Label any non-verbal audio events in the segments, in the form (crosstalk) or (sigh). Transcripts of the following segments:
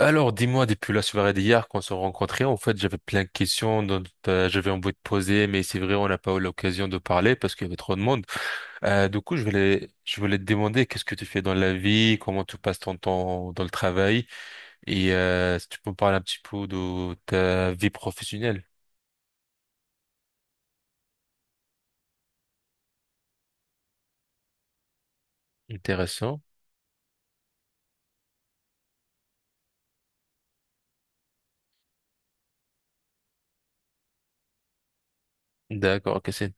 Alors, dis-moi, depuis la soirée d'hier, qu'on s'est rencontrés, en fait, j'avais plein de questions dont j'avais envie de poser, mais c'est vrai, on n'a pas eu l'occasion de parler parce qu'il y avait trop de monde. Du coup, je voulais te demander qu'est-ce que tu fais dans la vie, comment tu passes ton temps dans le travail, et si tu peux me parler un petit peu de ta vie professionnelle. Intéressant. D'accord, ok, c'est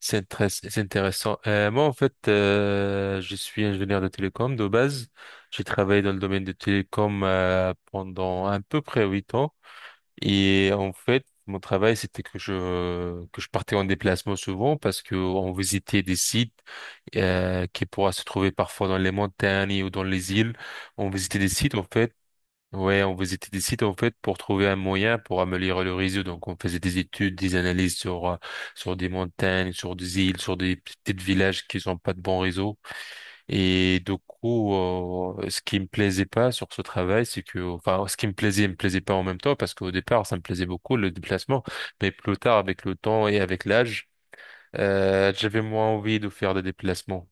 c'est très c'est intéressant. Moi, en fait, je suis ingénieur de télécom de base. J'ai travaillé dans le domaine de télécom pendant à peu près 8 ans. Et en fait, mon travail, c'était que je partais en déplacement souvent parce que on visitait des sites qui pourraient se trouver parfois dans les montagnes ou dans les îles. On visitait des sites, en fait. Ouais, on visitait des sites, en fait, pour trouver un moyen pour améliorer le réseau. Donc, on faisait des études, des analyses sur, sur des montagnes, sur des îles, sur des petits villages qui n'ont pas de bon réseau. Et du coup, ce qui me plaisait pas sur ce travail, c'est que, enfin, ce qui me plaisait et me plaisait pas en même temps, parce qu'au départ, ça me plaisait beaucoup le déplacement, mais plus tard, avec le temps et avec l'âge, j'avais moins envie de faire des déplacements.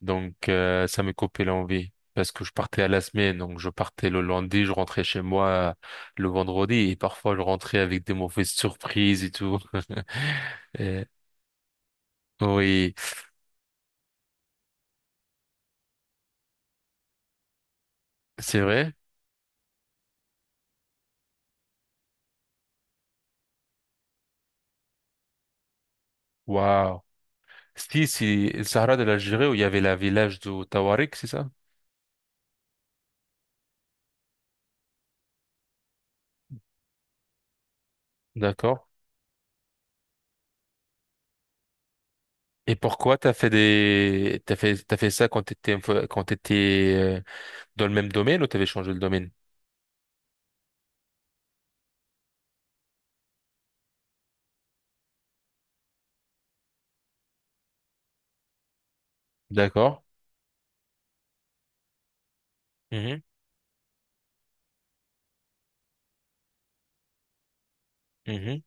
Donc, ça me coupait l'envie, parce que je partais à la semaine, donc je partais le lundi, je rentrais chez moi le vendredi, et parfois je rentrais avec des mauvaises surprises et tout. (laughs) Et- oui, c'est vrai. Waouh. Si, c'est Sahara de l'Algérie où il y avait la village de Tawarik, c'est ça? D'accord. Et pourquoi t'as fait des, t'as fait ça quand t'étais, quand t'étais dans le même domaine ou t'avais changé le domaine? D'accord. Mhm, mhm.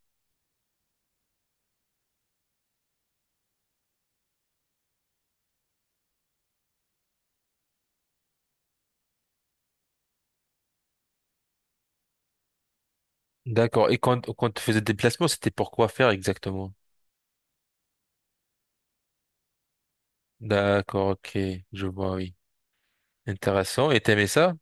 D'accord. Et quand tu faisais des déplacements, c'était pour quoi faire exactement? D'accord, ok. Je vois, oui. Intéressant. Et t'aimais ça?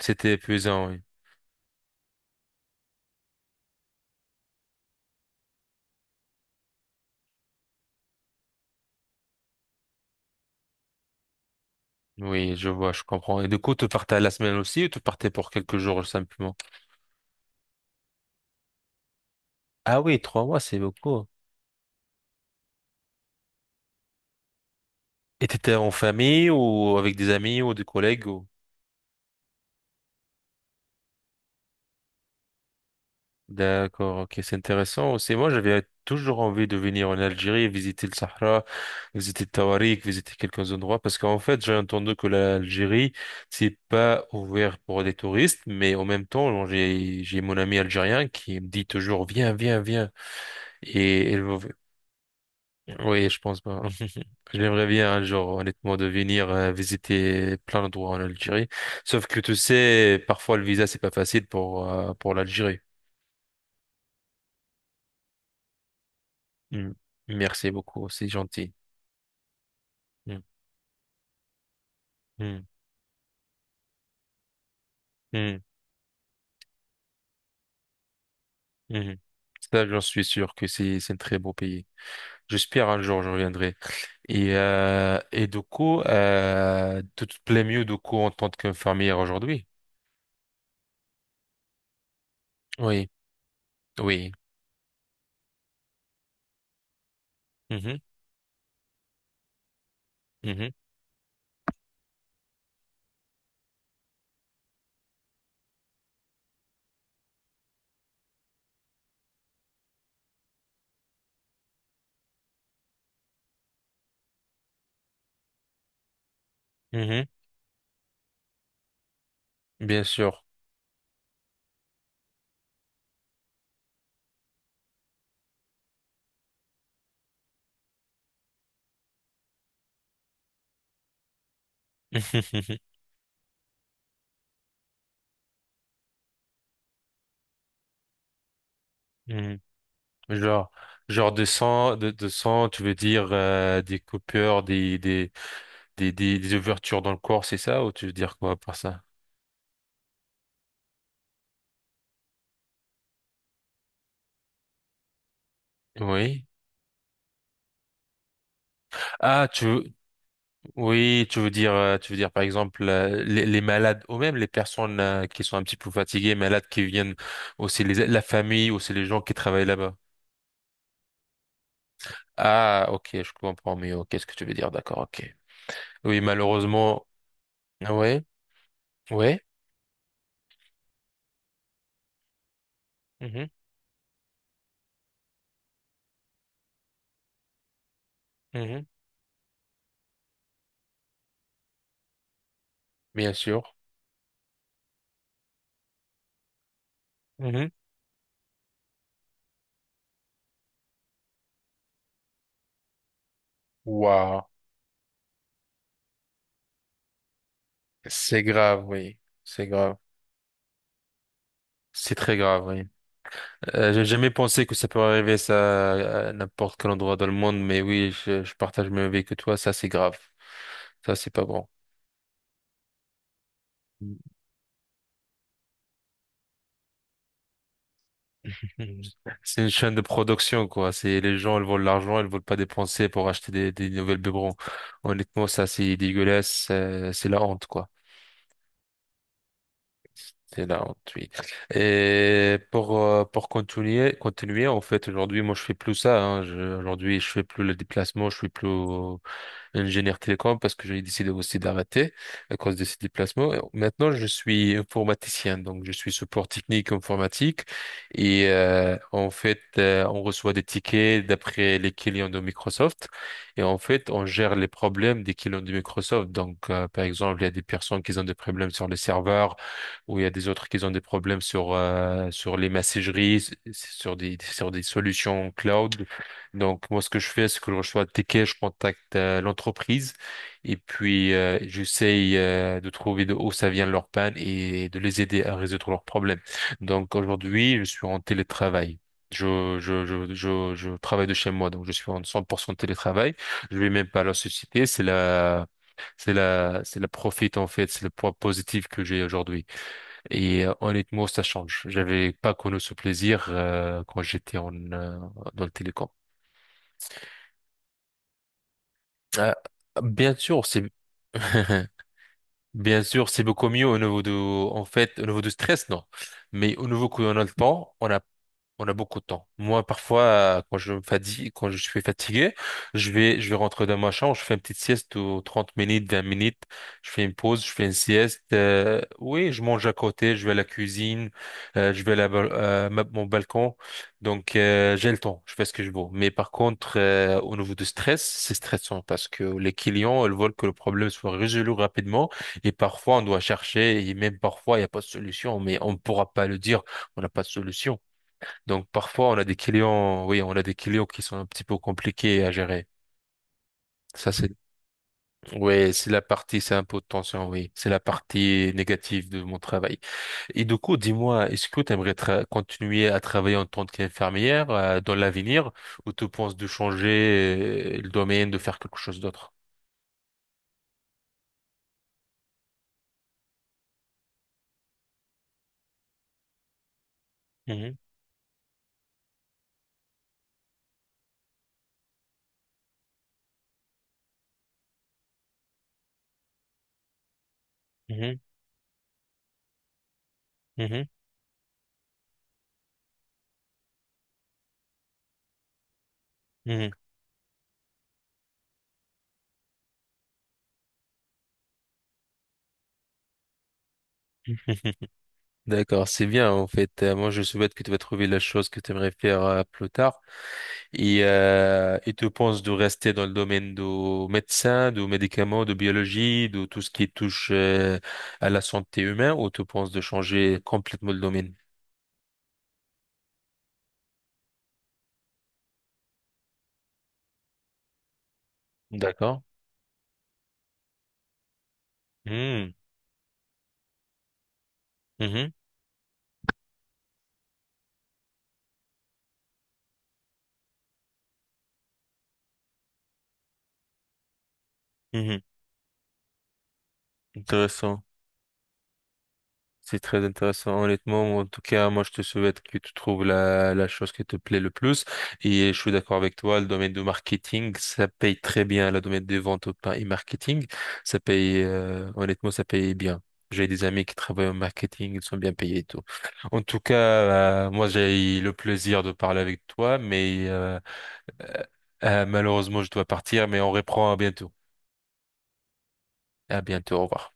C'était épuisant, oui. Oui, je vois, je comprends. Et du coup, tu partais à la semaine aussi ou tu partais pour quelques jours simplement? Ah oui, 3 mois, c'est beaucoup. Et t'étais en famille ou avec des amis ou des collègues ou... D'accord, ok, c'est intéressant. Aussi, moi, j'avais toujours envie de venir en Algérie, visiter le Sahara, visiter Tawarik, visiter quelques endroits, parce qu'en fait, j'ai entendu que l'Algérie, c'est pas ouvert pour des touristes, mais en même temps, j'ai mon ami algérien qui me dit toujours, viens, viens, viens. Et elle- Oui, je pense pas. (laughs) J'aimerais bien un jour, honnêtement, de venir visiter plein d'endroits en Algérie. Sauf que tu sais, parfois le visa, c'est pas facile pour l'Algérie. Mm. Merci beaucoup, c'est gentil. Mm. Mm. Mm. Mhm. Ça, j'en suis sûr que c'est un très beau pays. J'espère un jour, je reviendrai. Et du coup, tu te plais mieux du coup en tant qu'infirmière aujourd'hui? Oui, oui. Mhm. Mhm. Mhm. Bien sûr. (laughs) Genre, genre de sang, de sang, tu veux dire des coupures, des ouvertures dans le corps, c'est ça? Ou tu veux dire quoi par ça? Oui. Ah, tu veux, oui, tu veux dire par exemple les malades ou même les personnes qui sont un petit peu fatiguées, malades qui viennent aussi les, la famille, aussi les gens qui travaillent là-bas. Ah, ok, je comprends mieux. Quest ce que tu veux dire, d'accord, ok. Oui, malheureusement, ah ouais, ouais, mhm, mhm, bien sûr. Mhm. Waouh. C'est grave, oui. C'est grave. C'est très grave, oui. J'ai jamais pensé que ça peut arriver ça à n'importe quel endroit dans le monde, mais oui, je partage le même avis que toi. Ça, c'est grave. Ça, c'est pas bon. (laughs) C'est une chaîne de production, quoi. C'est les gens, ils veulent l'argent, ils veulent pas dépenser pour acheter des nouvelles biberons. Honnêtement, ça, c'est dégueulasse. C'est la honte, quoi. C'est la oui. Et pour continuer, en fait, aujourd'hui, moi, je fais plus ça, hein. Aujourd'hui, je fais plus le déplacement, je fais plus, ingénieur télécom parce que j'ai décidé aussi d'arrêter à cause de ces déplacements. Et Maintenant, je suis informaticien, donc je suis support technique informatique et en fait, on reçoit des tickets d'après les clients de Microsoft et en fait, on gère les problèmes des clients de Microsoft. Donc, par exemple, il y a des personnes qui ont des problèmes sur les serveurs ou il y a des autres qui ont des problèmes sur sur les messageries, sur des solutions cloud. Donc, moi, ce que je fais, c'est que je reçois le ticket, je contacte l'entreprise et puis j'essaye de trouver de où ça vient leur panne et de les aider à résoudre leurs problèmes. Donc, aujourd'hui, je suis en télétravail. Je travaille de chez moi, donc je suis en 100% télétravail. Je vais même pas à la société, c'est la... C'est la, c'est la profit en fait, c'est le point positif que j'ai aujourd'hui. Et honnêtement, ça change. J'avais pas connu ce plaisir quand j'étais en dans le télécom. Ah, bien sûr, c'est (laughs) bien sûr, c'est beaucoup mieux au niveau de, en fait, au niveau du stress, non. Mais au niveau qu'on a le temps, on n'a on a beaucoup de temps. Moi, parfois, quand je me fatigue, quand je suis fatigué, je vais rentrer dans ma chambre, je fais une petite sieste de 30 minutes, 20 minutes, je fais une pause, je fais une sieste. Oui, je mange à côté, je vais à la cuisine, je vais à la mon balcon. Donc, j'ai le temps, je fais ce que je veux. Mais par contre, au niveau du stress, c'est stressant parce que les clients, ils veulent que le problème soit résolu rapidement et parfois, on doit chercher et même parfois, il n'y a pas de solution, mais on ne pourra pas le dire, on n'a pas de solution. Donc parfois on a des clients, oui, on a des clients qui sont un petit peu compliqués à gérer. Ça c'est, ouais, c'est la partie, c'est un peu de tension, oui, c'est la partie négative de mon travail. Et du coup, dis-moi, est-ce que tu aimerais continuer à travailler en tant qu'infirmière dans l'avenir ou tu penses de changer le domaine, de faire quelque chose d'autre? Mhm, mhm, mhm, mhm. (laughs) D'accord, c'est bien en fait. Moi, je souhaite que tu vas trouver la chose que tu aimerais faire plus tard. Et tu penses de rester dans le domaine du médecin, du médicament, de biologie, de tout ce qui touche à la santé humaine, ou tu penses de changer complètement le domaine? D'accord. Hmm. Mhm. Mhm. Intéressant. C'est très intéressant, honnêtement. En tout cas, moi, je te souhaite que tu trouves la, la chose qui te plaît le plus. Et je suis d'accord avec toi, le domaine du marketing, ça paye très bien. Le domaine des ventes au pain et marketing, ça paye, honnêtement, ça paye bien. J'ai des amis qui travaillent au marketing, ils sont bien payés et tout. En tout cas, moi, j'ai eu le plaisir de parler avec toi, mais euh, malheureusement, je dois partir, mais on reprend à bientôt. À bientôt, au revoir.